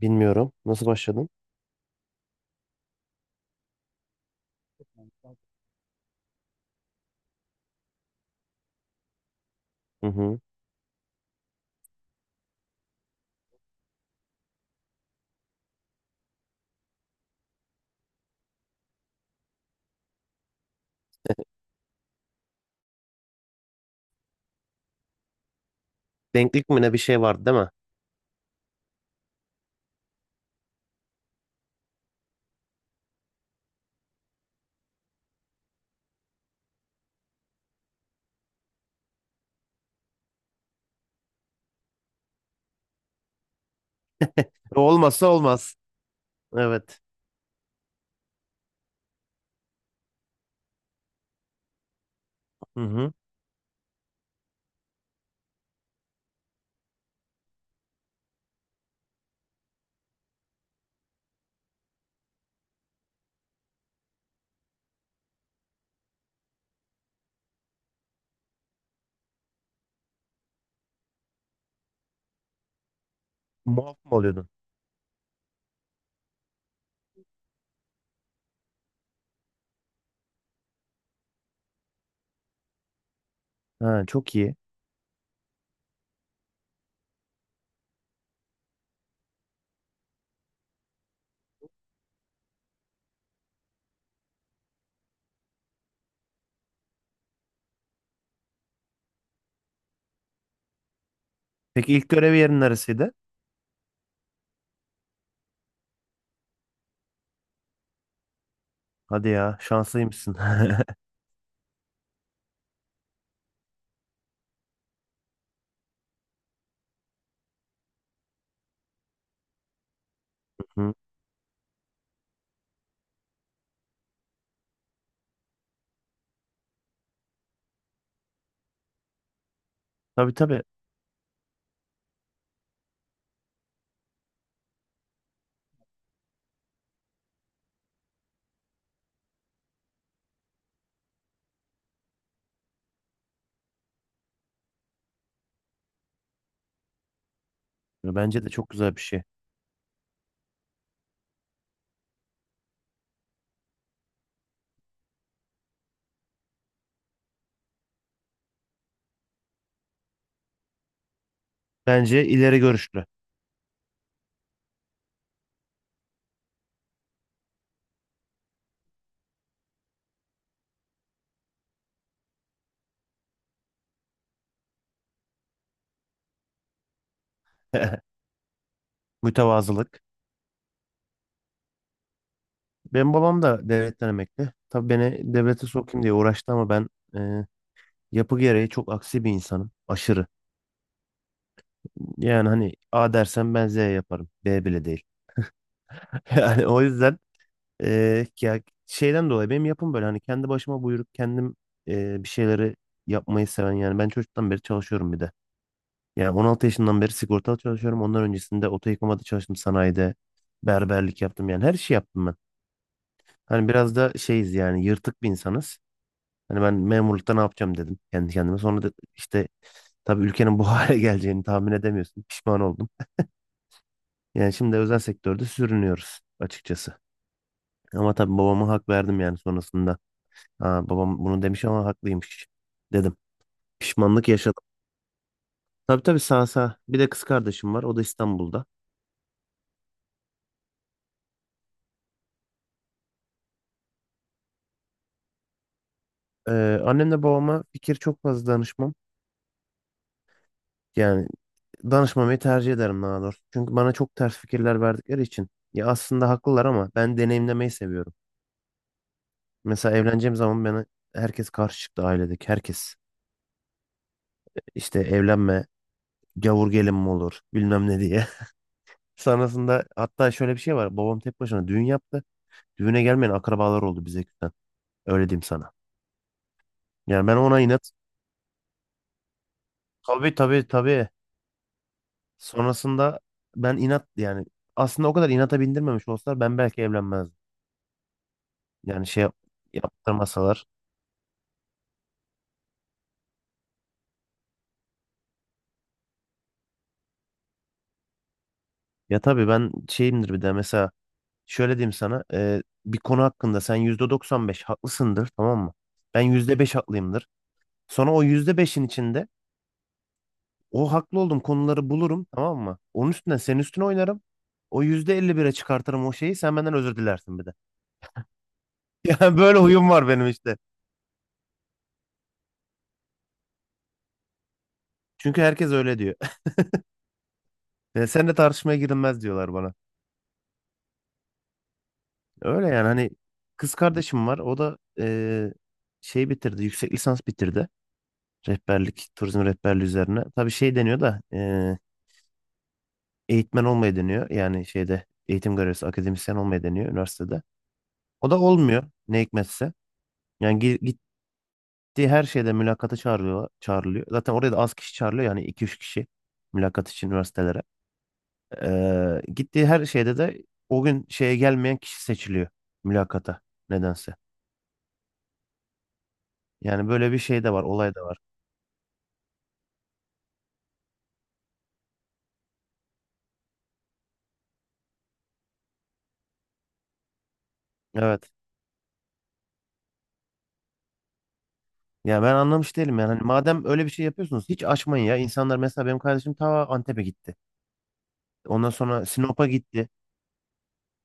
Bilmiyorum. Nasıl başladın? Hı hı. Denklik mi ne bir şey vardı değil mi? E, olmazsa olmaz. Evet. Hı hı. Muaf mı oluyordun? Ha, çok iyi. Peki ilk görev yerin neresiydi? Hadi ya şanslıymışsın. Hı. Tabii tabii. Bence de çok güzel bir şey. Bence ileri görüşlü. Mütevazılık. Benim babam da devletten emekli. Tabii beni devlete sokayım diye uğraştı ama ben e, yapı gereği çok aksi bir insanım. Aşırı. Yani hani A dersen ben Z yaparım. B bile değil. Yani o yüzden ya şeyden dolayı benim yapım böyle hani kendi başıma buyruk kendim bir şeyleri yapmayı seven yani ben çocuktan beri çalışıyorum bir de. Yani 16 yaşından beri sigortalı çalışıyorum. Ondan öncesinde oto yıkamada çalıştım sanayide. Berberlik yaptım yani her şey yaptım ben. Hani biraz da şeyiz yani yırtık bir insanız. Hani ben memurlukta ne yapacağım dedim kendi kendime. Sonra da işte tabii ülkenin bu hale geleceğini tahmin edemiyorsun. Pişman oldum. Yani şimdi özel sektörde sürünüyoruz açıkçası. Ama tabii babama hak verdim yani sonrasında. Ha, babam bunu demiş ama haklıymış dedim. Pişmanlık yaşadım. Tabii tabii sağ sağ. Bir de kız kardeşim var. O da İstanbul'da. Ee, annemle babama fikir çok fazla danışmam. Yani danışmamayı tercih ederim daha doğrusu. Çünkü bana çok ters fikirler verdikleri için. Ya aslında haklılar ama ben deneyimlemeyi seviyorum. Mesela evleneceğim zaman bana herkes karşı çıktı ailedeki herkes. İşte evlenme, gavur gelin mi olur bilmem ne diye. Sonrasında hatta şöyle bir şey var. Babam tek başına düğün yaptı. Düğüne gelmeyen akrabalar oldu bize küsen. Öyle diyeyim sana. Yani ben ona inat. Tabii tabii tabii. Sonrasında ben inat yani aslında o kadar inata bindirmemiş olsalar ben belki evlenmezdim. Yani yaptırmasalar. Ya tabii ben şeyimdir bir de mesela şöyle diyeyim sana bir konu hakkında sen %95 haklısındır tamam mı? Ben %5 haklıyımdır. Sonra o %5'in içinde o haklı olduğum konuları bulurum tamam mı? Onun üstüne senin üstüne oynarım. O %51'e çıkartırım o şeyi sen benden özür dilersin bir de. Yani böyle huyum var benim işte. Çünkü herkes öyle diyor. E, seninle tartışmaya girilmez diyorlar bana. Öyle yani hani kız kardeşim var. O da şey bitirdi. Yüksek lisans bitirdi. Rehberlik, turizm rehberliği üzerine. Tabii şey deniyor da eğitmen olmayı deniyor. Yani şeyde eğitim görevlisi, akademisyen olmayı deniyor üniversitede. O da olmuyor ne hikmetse. Yani gittiği her şeyde mülakata çağırıyor, çağrılıyor. Zaten oraya da az kişi çağrılıyor. Yani iki üç kişi mülakat için üniversitelere. E, gittiği her şeyde de o gün şeye gelmeyen kişi seçiliyor mülakata nedense. Yani böyle bir şey de var, olay da var. Evet. Ya ben anlamış değilim yani. Hani madem öyle bir şey yapıyorsunuz hiç açmayın ya. İnsanlar mesela benim kardeşim ta Antep'e gitti. Ondan sonra Sinop'a gitti.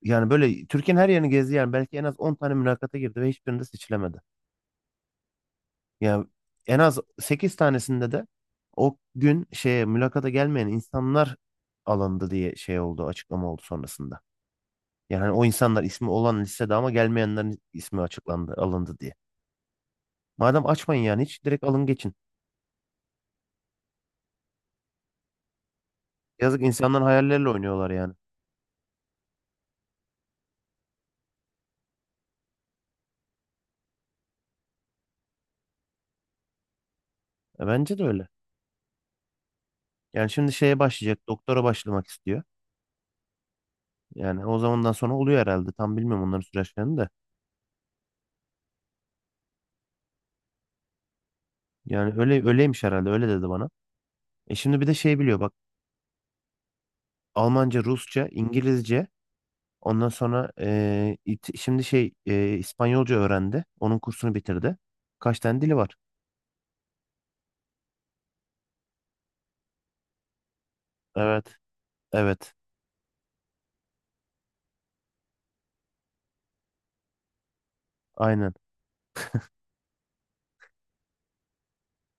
Yani böyle Türkiye'nin her yerini gezdi yani. Belki en az 10 tane mülakata girdi ve hiçbirinde seçilemedi. Yani en az 8 tanesinde de o gün şeye mülakata gelmeyen insanlar alındı diye şey oldu, açıklama oldu sonrasında. Yani hani o insanlar ismi olan listede ama gelmeyenlerin ismi açıklandı, alındı diye. Madem açmayın yani hiç direkt alın geçin. Yazık insanların hayalleriyle oynuyorlar yani. E, bence de öyle. Yani şimdi şeye başlayacak. Doktora başlamak istiyor. Yani o zamandan sonra oluyor herhalde. Tam bilmiyorum onların süreçlerini de. Yani öyle öyleymiş herhalde. Öyle dedi bana. E şimdi bir de şey biliyor bak. Almanca, Rusça, İngilizce. Ondan sonra şimdi şey İspanyolca öğrendi. Onun kursunu bitirdi. Kaç tane dili var? Evet. Evet. Aynen.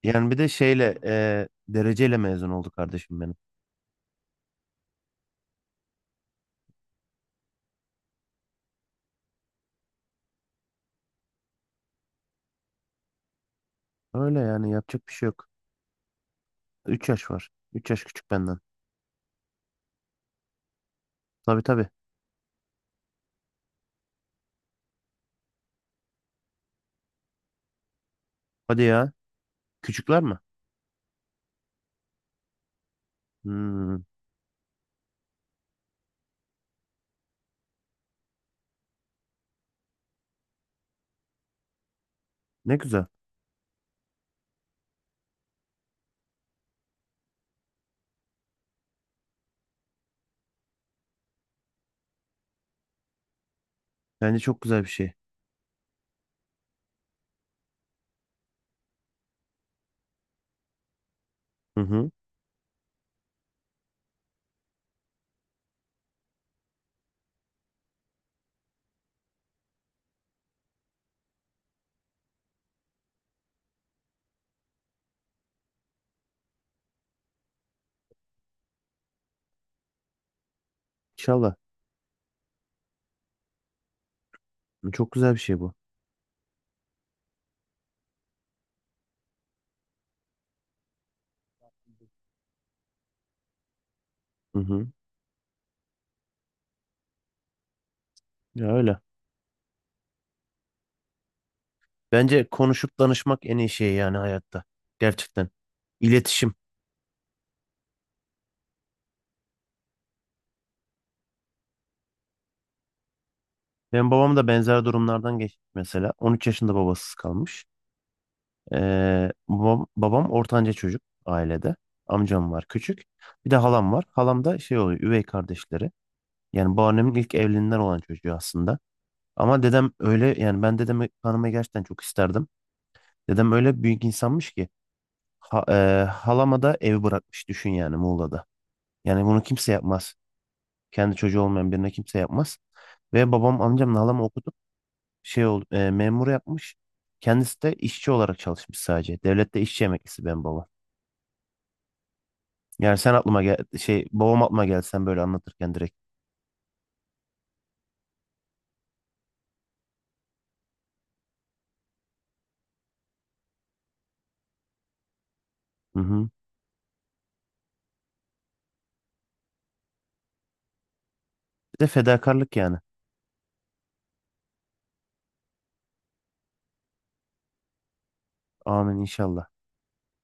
Yani bir de şeyle dereceyle mezun oldu kardeşim benim. Öyle yani yapacak bir şey yok. 3 yaş var. 3 yaş küçük benden. Tabii tabii. Hadi ya. Küçükler mi? Hmm, ne güzel. Bence çok güzel bir şey. Hı hı. İnşallah. Çok güzel bir şey bu. Hı hı. Ya öyle. Bence konuşup danışmak en iyi şey yani hayatta. Gerçekten. İletişim. Benim babam da benzer durumlardan geçti mesela. 13 yaşında babasız kalmış. Babam ortanca çocuk ailede. Amcam var küçük. Bir de halam var. Halam da şey oluyor üvey kardeşleri. Yani babaannemin ilk evliliğinden olan çocuğu aslında. Ama dedem öyle yani ben dedemi tanımayı gerçekten çok isterdim. Dedem öyle büyük insanmış ki ha, e, halama da ev bırakmış düşün yani Muğla'da. Yani bunu kimse yapmaz. Kendi çocuğu olmayan birine kimse yapmaz. Ve babam amcamla halamı okutup memur yapmış. Kendisi de işçi olarak çalışmış sadece. Devlette işçi emeklisi benim babam. Yani sen aklıma gel şey babam aklıma geldi sen böyle anlatırken direkt. Hı hı. Bir de fedakarlık yani. Amin inşallah.